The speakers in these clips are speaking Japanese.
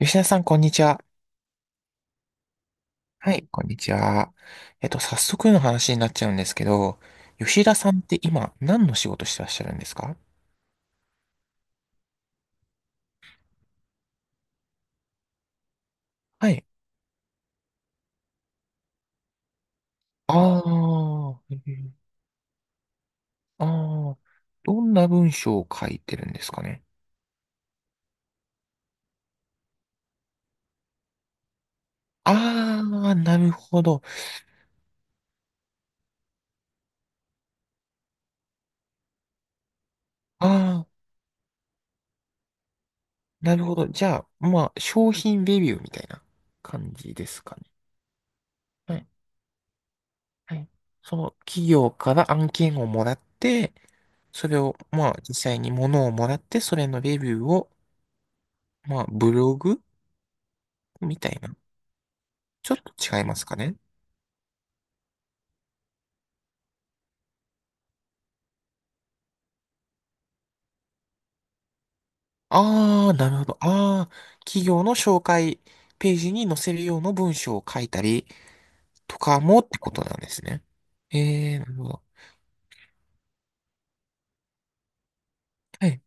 吉田さん、こんにちは。はい。こんにちは。早速の話になっちゃうんですけど、吉田さんって今、何の仕事してらっしゃるんですか？はい。ああ、へー。ああ、どんな文章を書いてるんですかね。ああ、なるほど。ああ、なるほど。じゃあ、まあ、商品レビューみたいな感じですかね。はい。はい。その企業から案件をもらって、それを、まあ、実際に物をもらって、それのレビューを、まあ、ブログみたいな。ちょっと違いますかね。ああ、なるほど。ああ、企業の紹介ページに載せるような文章を書いたりとかもってことなんですね。ええ、なるほど。はい。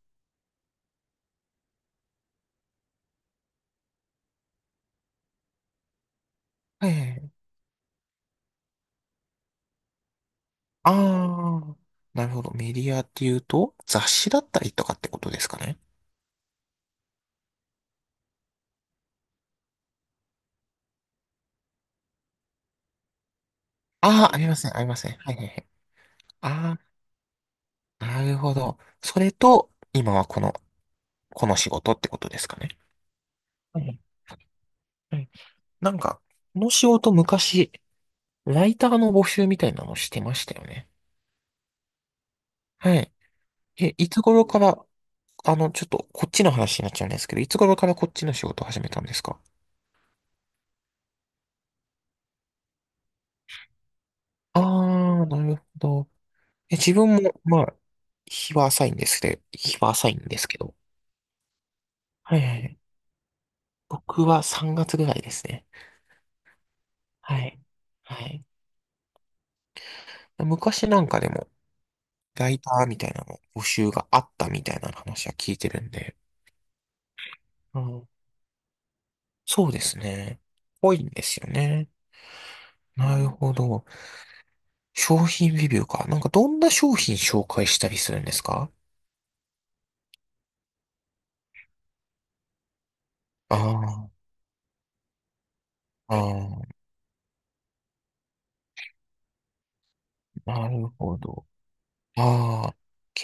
はいはいはい。ああ、なるほど。メディアっていうと、雑誌だったりとかってことですかね。ああ、ありません、ありません。はいはいはい。ああ、なるほど。それと、今はこの、この仕事ってことですかね。はいはい。なんか、この仕事昔、ライターの募集みたいなのしてましたよね。はい。え、いつ頃から、あの、ちょっとこっちの話になっちゃうんですけど、いつ頃からこっちの仕事を始めたんですか？あー、なるほど。え、自分も、まあ、日は浅いんですけど、日は浅いんですけど。はいはいはい。僕は3月ぐらいですね。はい。はい。昔なんかでも、ライターみたいなの募集があったみたいな話は聞いてるんで。うん、そうですね。ぽいんですよね。なるほど。商品レビューか。なんかどんな商品紹介したりするんですか？ああ、ああ、なるほど。ああ、化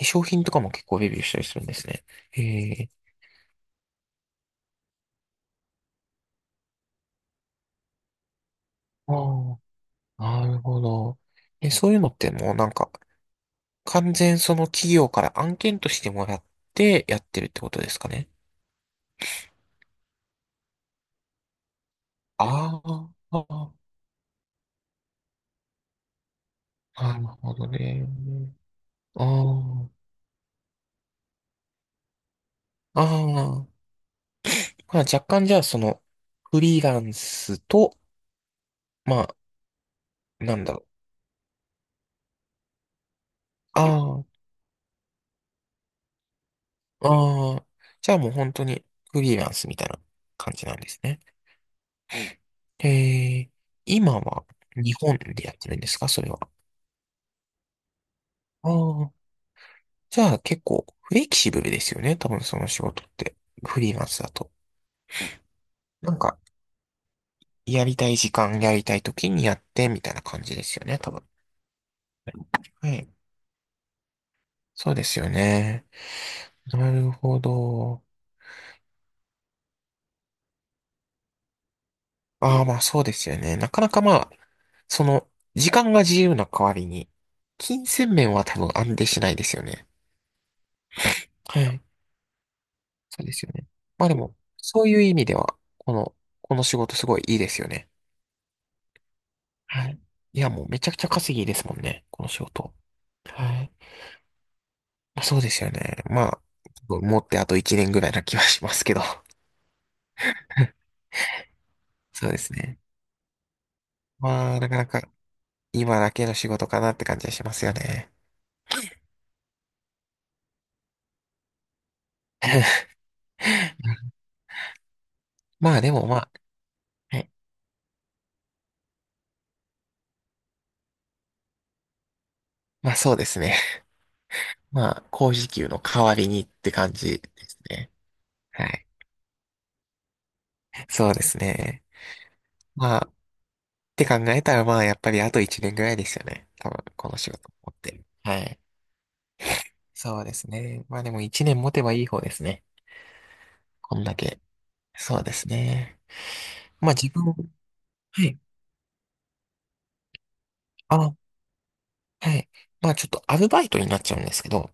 粧品とかも結構レビューしたりするんですね。ええ、ああ、なるほど。え、そういうのってもうなんか、完全その企業から案件としてもらってやってるってことですかね。ああ、なるほどね。ああ、ああ、まあ若干じゃあその、フリーランスと、まあ、なんだろう。ああ、ああ。じゃあもう本当にフリーランスみたいな感じなんですね。へえ、今は日本でやってるんですかそれは。ああ、じゃあ結構フレキシブルですよね。多分その仕事って。フリーランスだと。なんか、やりたい時間、やりたい時にやってみたいな感じですよね。多分。はい。そうですよね。なるほど。ああ、まあそうですよね。なかなかまあ、その、時間が自由な代わりに、金銭面は多分安定しないですよね。はい。そうですよね。まあでも、そういう意味では、この、この仕事すごいいいですよね。はい。いや、もうめちゃくちゃ稼ぎいいですもんね、この仕事。はい。まあ、そうですよね。まあ、持ってあと1年ぐらいな気はしますけど。そうですね。まあ、なかなか今だけの仕事かなって感じがしますよね。まあでもまあ、はい、まあそうですね。まあ、高時給の代わりにって感じですね。はい。そうですね。まあって考えたら、まあ、やっぱりあと1年ぐらいですよね。多分、この仕事持ってる。はい。そうですね。まあでも1年持てばいい方ですね。こんだけ。そうですね。まあ自分、はい。あ、はい。まあちょっとアルバイトになっちゃうんですけど、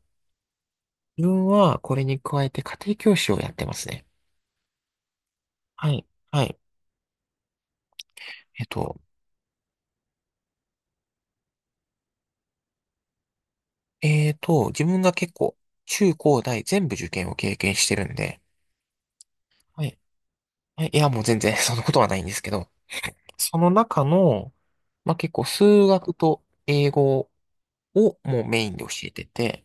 自分はこれに加えて家庭教師をやってますね。はい。はい。えっと、自分が結構、中高大全部受験を経験してるんで、はい。はいいや、もう全然 そんなことはないんですけど、その中の、まあ、結構数学と英語をもうメインで教えてて、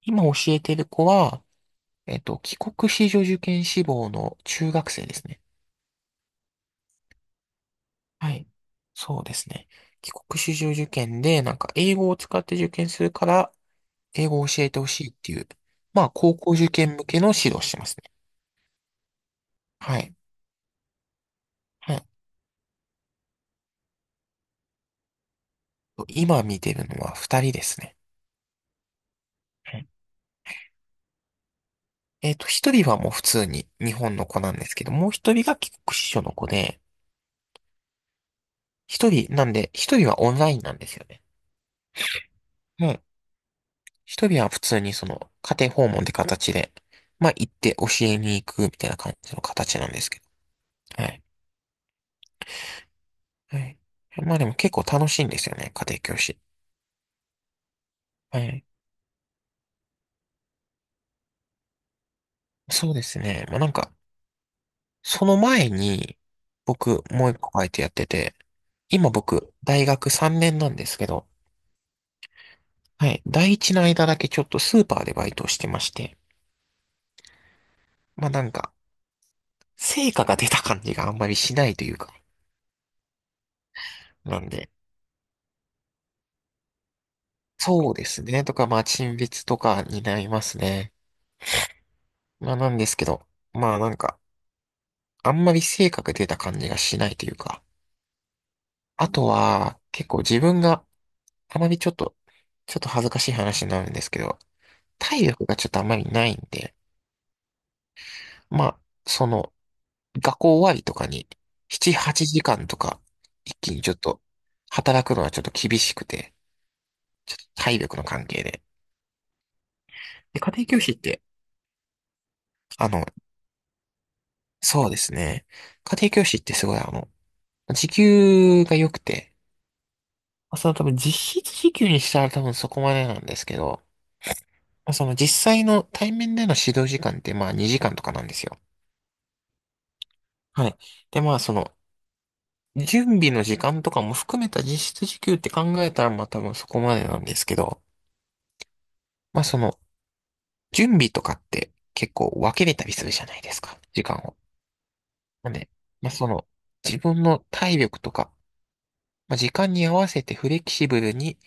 今教えてる子は、帰国子女受験志望の中学生ですね。はい。そうですね。帰国子女受験で、なんか英語を使って受験するから、英語を教えてほしいっていう、まあ、高校受験向けの指導をしてますね。はい。はい。今見てるのは二人ですね。はい。えっと、一人はもう普通に日本の子なんですけど、もう一人が帰国子女の子で、一人、なんで、一人はオンラインなんですよね。もう、一人は普通にその、家庭訪問って形で、まあ行って教えに行くみたいな感じの形なんですけど。はい。はい。まあでも結構楽しいんですよね、家庭教師。はい。そうですね。まあなんか、その前に、僕、もう一個バイトやってて、今僕、大学3年なんですけど、はい。第一の間だけちょっとスーパーでバイトをしてまして、まあなんか、成果が出た感じがあんまりしないというか、なんで、そうですね。とか、まあ、陳列とかになりますね。まあ、なんですけど、まあ、なんか、あんまり性格出た感じがしないというか、あとは、結構自分があまりちょっと、ちょっと恥ずかしい話になるんですけど、体力がちょっとあまりないんで、まあ、その、学校終わりとかに、7、8時間とか、一気にちょっと、働くのはちょっと厳しくて、ちょっと体力の関係で。で、家庭教師って、あの、そうですね。家庭教師ってすごいあの、時給が良くて、まあその多分実質時給にしたら多分そこまでなんですけど、まあその実際の対面での指導時間ってまあ2時間とかなんですよ。はい。でまあその準備の時間とかも含めた実質時給って考えたらまあ多分そこまでなんですけど、まあその準備とかって結構分けれたりするじゃないですか、時間を。なんで、まあその自分の体力とか、まあ時間に合わせてフレキシブルに、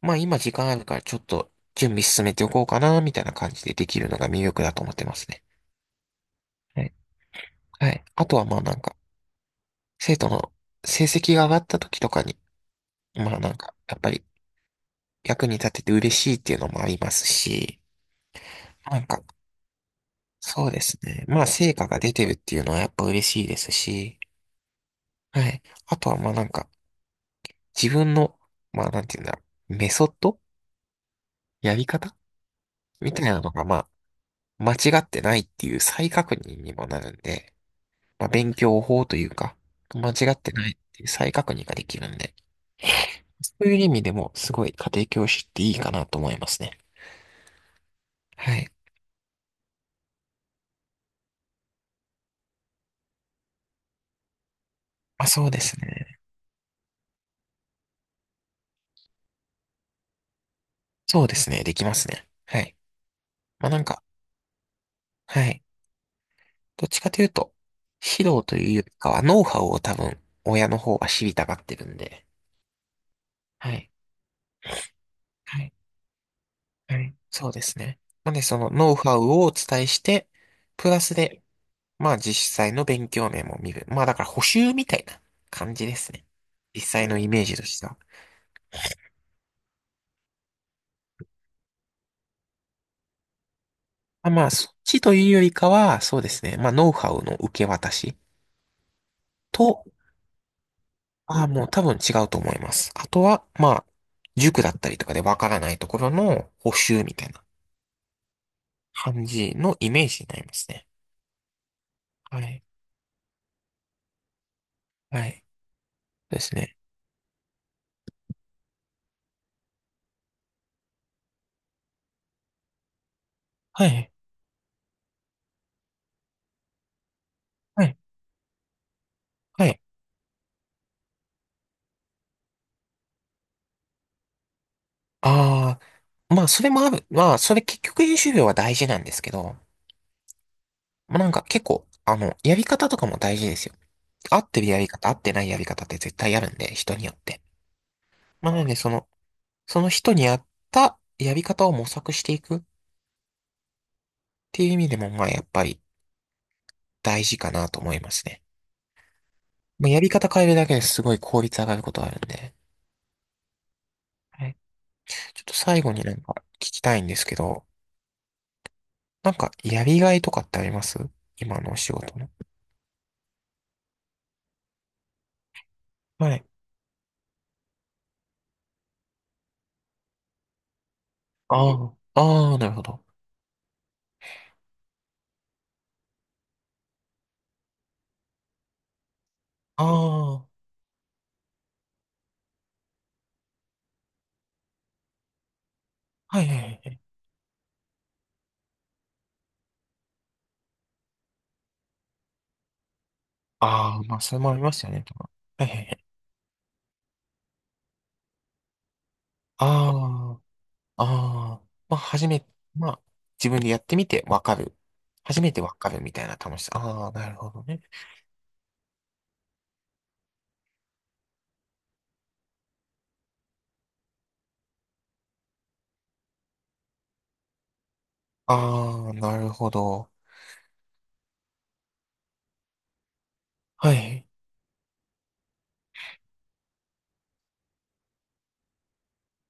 まあ今時間あるからちょっと準備進めておこうかな、みたいな感じでできるのが魅力だと思ってますね。はい。はい。あとはまあなんか、生徒の成績が上がった時とかに、まあなんか、やっぱり役に立てて嬉しいっていうのもありますし、なんか、そうですね。まあ成果が出てるっていうのはやっぱ嬉しいですし、はい。あとはまあなんか、自分の、まあなんていうんだろう、メソッド、やり方みたいなのがまあ、間違ってないっていう再確認にもなるんで、まあ、勉強法というか、間違ってないっていう再確認ができるんで、そういう意味でもすごい家庭教師っていいかなと思いますね。はい。まあ、そうですね。そうですね。できますね。はい。まあ、なんか、はい。どっちかというと、指導というよりかは、ノウハウを多分、親の方が知りたがってるんで。はい。はい。はい。そうですね。なので、そのノウハウをお伝えして、プラスで、まあ実際の勉強面も見る。まあだから補習みたいな感じですね。実際のイメージとしては。まあまあそっちというよりかは、そうですね。まあノウハウの受け渡しと、ああもう多分違うと思います。あとは、まあ、塾だったりとかでわからないところの補習みたいな感じのイメージになりますね。はい。はい。そうですね。はい。はい。はい。ああ、まあそれもある。まあそれ結局演習量は大事なんですけど、まあ、なんか結構、あの、やり方とかも大事ですよ。合ってるやり方、合ってないやり方って絶対あるんで、人によって。まあ、なので、その、その人に合ったやり方を模索していくっていう意味でも、まあ、やっぱり大事かなと思いますね。まあ、やり方変えるだけですごい効率上がることあるんで。はい。ちょっと最後になんか聞きたいんですけど、なんかやりがいとかってあります？今のお仕事の。はい。ああ、ああ、なるほど。ああ、はいはいはいはい。ああ、まあ、それもありますよね、とか。はいはいはい。ああ、ああ、まあ、初め、まあ、自分でやってみてわかる。初めてわかるみたいな楽しさ。ああ、なるほどね。ああ、なるほど。はい。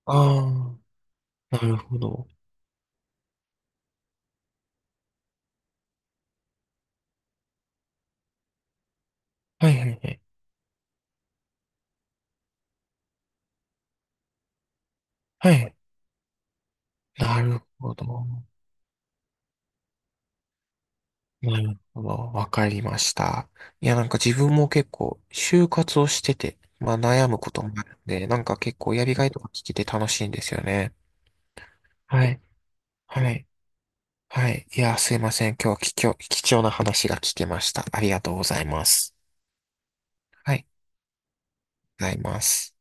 ああ、なるほど。はいはいはい。はい。なるほど。なるほど。わかりました。いや、なんか自分も結構、就活をしてて、まあ悩むこともあるんで、なんか結構やりがいとか聞けて楽しいんですよね。はい。はい。はい。いや、すいません。今日は貴重な話が聞けました。ありがとうございます。はい。ございます。